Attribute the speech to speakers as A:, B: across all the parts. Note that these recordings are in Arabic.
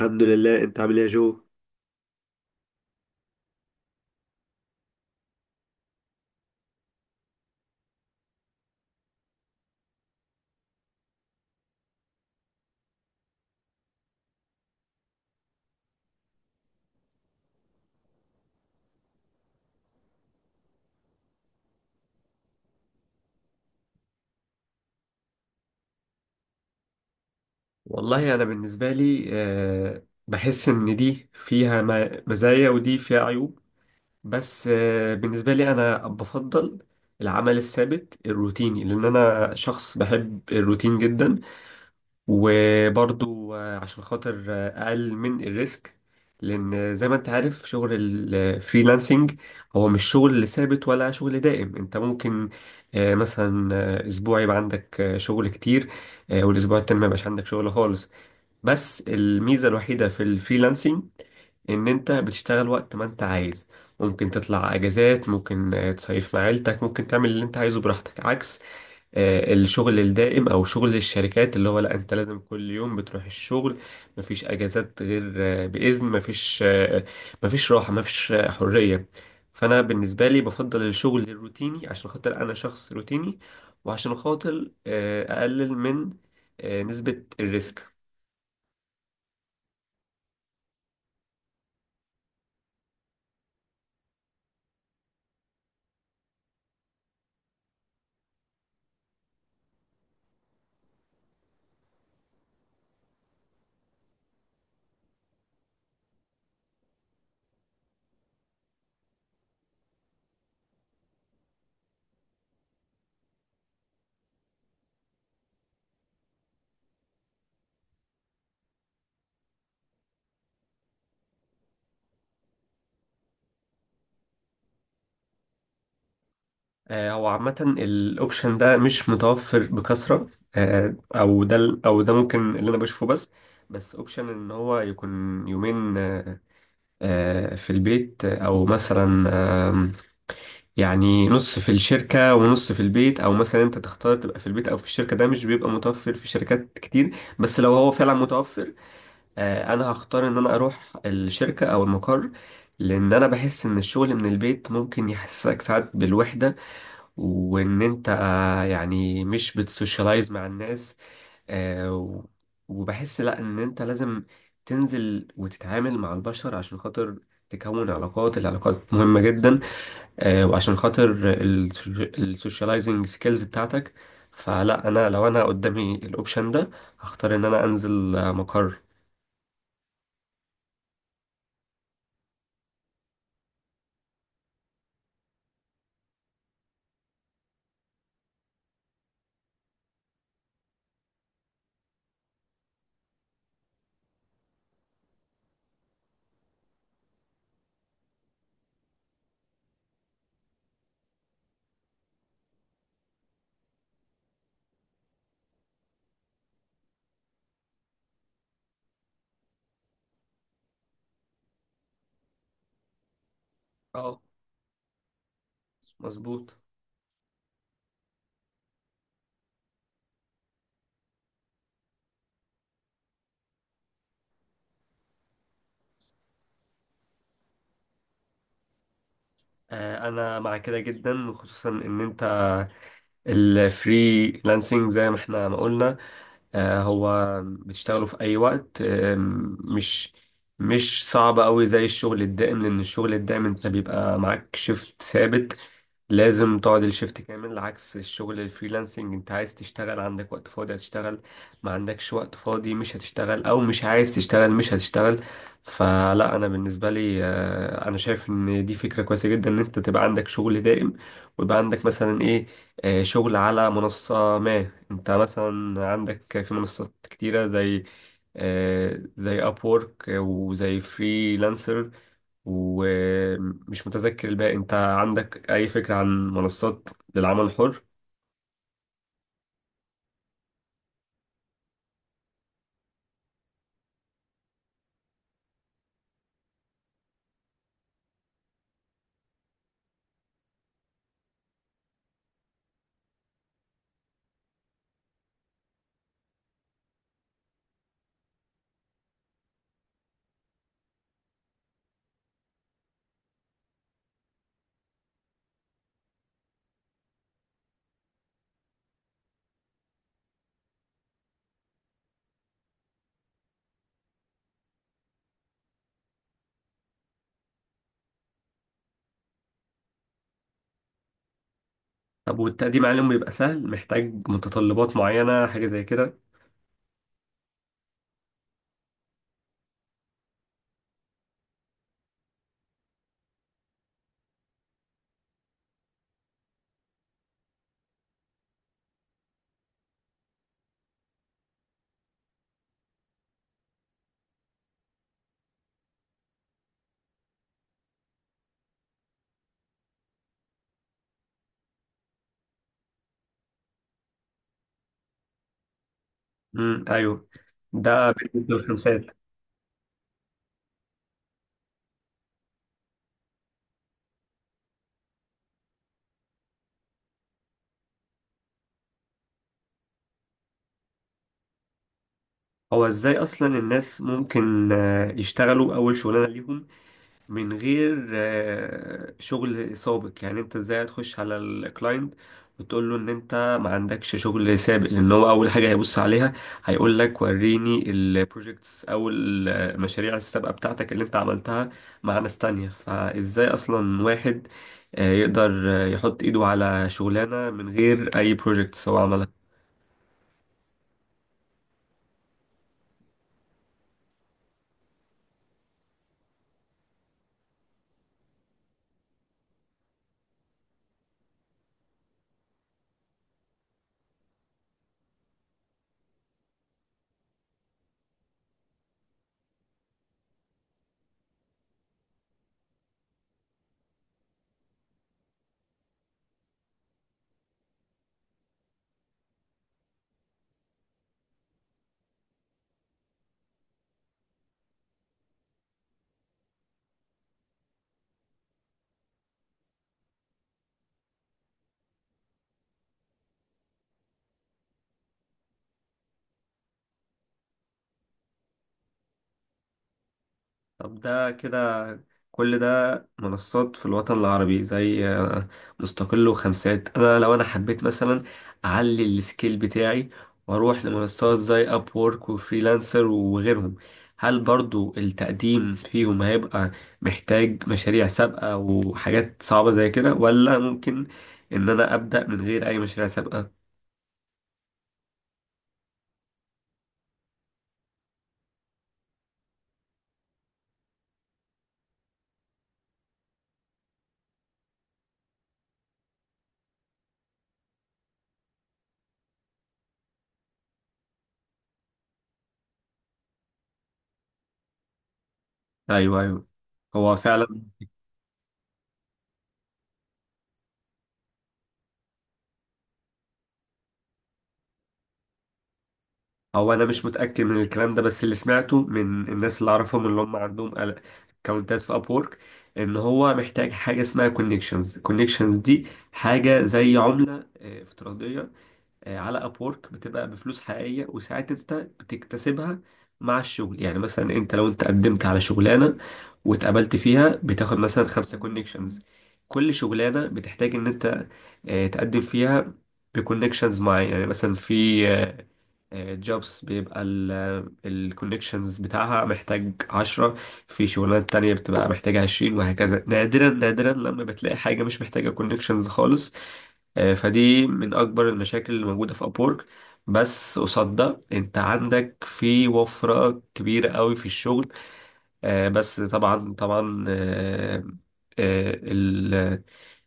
A: الحمد لله. انت عامل ايه يا جو؟ والله أنا بالنسبة لي بحس إن دي فيها مزايا ودي فيها عيوب. بس بالنسبة لي أنا بفضل العمل الثابت الروتيني، لأن أنا شخص بحب الروتين جدا. وبرضو عشان خاطر أقل من الريسك، لأن زي ما أنت عارف شغل الفريلانسنج هو مش شغل ثابت ولا شغل دائم. أنت ممكن مثلا أسبوع يبقى عندك شغل كتير، والأسبوع التاني ما يبقاش عندك شغل خالص. بس الميزة الوحيدة في الفريلانسنج إن أنت بتشتغل وقت ما أنت عايز، ممكن تطلع أجازات، ممكن تصيف مع عيلتك، ممكن تعمل اللي أنت عايزه براحتك، عكس الشغل الدائم او شغل الشركات اللي هو لا، انت لازم كل يوم بتروح الشغل، مفيش اجازات غير باذن، مفيش مفيش راحه، مفيش حريه. فانا بالنسبه لي بفضل الشغل الروتيني عشان خاطر انا شخص روتيني، وعشان خاطر اقلل من نسبه الريسك. هو عامه الاوبشن ده مش متوفر بكثره. او ده ممكن اللي انا بشوفه بس. بس اوبشن ان هو يكون يومين، في البيت، او مثلا، آم، يعني نص في الشركة ونص في البيت، او مثلا انت تختار تبقى في البيت او في الشركة، ده مش بيبقى متوفر في شركات كتير. بس لو هو فعلا متوفر، انا هختار ان انا اروح الشركة او المقر، لان انا بحس ان الشغل من البيت ممكن يحسسك ساعات بالوحدة، وان انت يعني مش بتسوشيالايز مع الناس. آه و- وبحس لا، ان انت لازم تنزل وتتعامل مع البشر عشان خاطر تكون علاقات. العلاقات مهمة جدا، وعشان خاطر السوشياليزنج سكيلز بتاعتك. فلا، انا لو انا قدامي الاوبشن ده، هختار ان انا انزل مقر. اه، مظبوط. انا مع كده جدا، خصوصا ان انت الفريلانسنج زي ما احنا ما قلنا، هو بتشتغله في أي وقت، مش صعب أوي زي الشغل الدائم، لأن الشغل الدائم أنت بيبقى معاك شيفت ثابت، لازم تقعد الشيفت كامل، عكس الشغل الفريلانسنج انت عايز تشتغل عندك وقت فاضي، هتشتغل. ما عندكش وقت فاضي، مش هتشتغل، او مش عايز تشتغل، مش هتشتغل. فلا، انا بالنسبة لي انا شايف ان دي فكرة كويسة جدا ان انت تبقى عندك شغل دائم، ويبقى عندك مثلا ايه، شغل على منصة، ما انت مثلا عندك في منصات كتيرة زي زي اب وورك وزي فريلانسر. ومش متذكر الباقي. انت عندك اي فكرة عن منصات للعمل الحر؟ طب والتقديم عليهم بيبقى سهل؟ محتاج متطلبات معينة، حاجة زي كده؟ امم، ايوه، ده بالنسبة للخمسات. هو ازاي اصلا الناس ممكن يشتغلوا اول شغلانة ليهم من غير شغل سابق؟ يعني انت ازاي هتخش على الكلاينت وتقول له ان انت ما عندكش شغل سابق؟ لان هو اول حاجه هيبص عليها، هيقول لك وريني البروجكتس او المشاريع السابقه بتاعتك اللي انت عملتها مع ناس تانية. فازاي اصلا واحد يقدر يحط ايده على شغلانه من غير اي بروجكتس هو عملها؟ طب ده كده كل ده منصات في الوطن العربي زي مستقل وخمسات. انا لو انا حبيت مثلا اعلي السكيل بتاعي واروح لمنصات زي اب وورك وفريلانسر وغيرهم، هل برضو التقديم فيهم هيبقى محتاج مشاريع سابقة وحاجات صعبة زي كده، ولا ممكن ان انا ابدأ من غير اي مشاريع سابقة؟ ايوه، ايوه، هو فعلا. هو انا مش متاكد من الكلام ده، بس اللي سمعته من الناس اللي اعرفهم اللي هم عندهم اكونتات في ابورك، ان هو محتاج حاجه اسمها كونكشنز. كونكشنز دي حاجه زي عمله افتراضيه على ابورك، بتبقى بفلوس حقيقيه، وساعات انت بتكتسبها مع الشغل. يعني مثلا انت لو انت قدمت على شغلانه واتقبلت فيها بتاخد مثلا خمسة كونكشنز. كل شغلانه بتحتاج ان انت تقدم فيها بكونكشنز معين، يعني مثلا في جوبس بيبقى الكوليكشنز بتاعها محتاج 10، في شغلانات تانية بتبقى محتاجة 20، وهكذا. نادرا نادرا لما بتلاقي حاجة مش محتاجة كوليكشنز خالص. فدي من أكبر المشاكل اللي موجودة في أبورك، بس قصاد ده انت عندك في وفرة كبيرة قوي في الشغل. بس طبعا طبعا، آه، ال-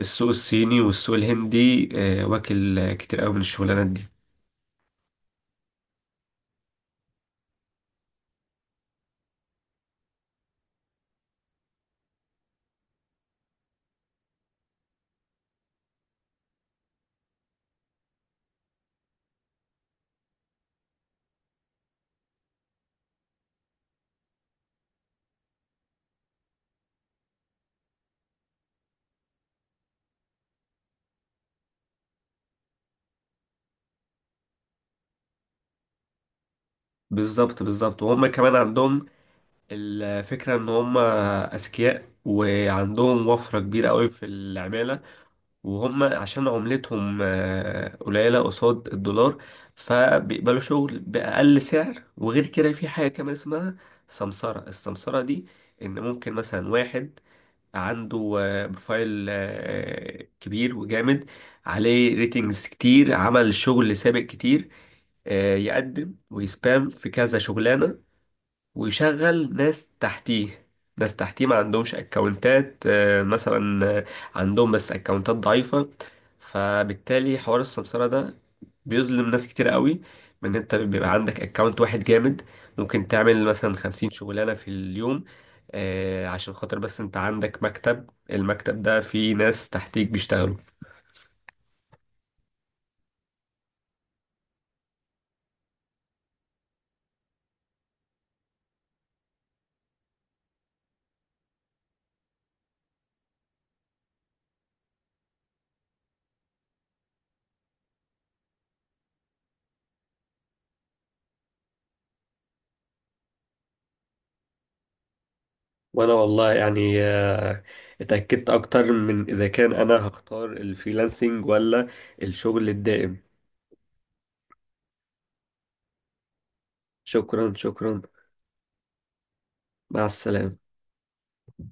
A: السوق الصيني والسوق الهندي واكل كتير قوي من الشغلانات دي. بالظبط بالظبط، وهم كمان عندهم الفكرة إن هم أذكياء، وعندهم وفرة كبيرة قوي في العمالة، وهم عشان عملتهم قليلة قصاد الدولار، فبيقبلوا شغل بأقل سعر. وغير كده في حاجة كمان اسمها سمسرة. السمسرة دي إن ممكن مثلا واحد عنده بروفايل كبير وجامد، عليه ريتنجز كتير، عمل شغل سابق كتير، يقدم ويسبام في كذا شغلانة، ويشغل ناس تحتيه. ناس تحتيه ما عندهمش اكونتات، مثلا عندهم بس اكونتات ضعيفة. فبالتالي حوار السمسرة ده بيظلم ناس كتير قوي، من انت بيبقى عندك اكونت واحد جامد ممكن تعمل مثلا 50 شغلانة في اليوم عشان خاطر بس انت عندك مكتب. المكتب ده فيه ناس تحتيك بيشتغلوا. وانا والله يعني اتأكدت اكتر من اذا كان انا هختار الفريلانسنج ولا الشغل الدائم. شكرا، شكرا. مع السلامة.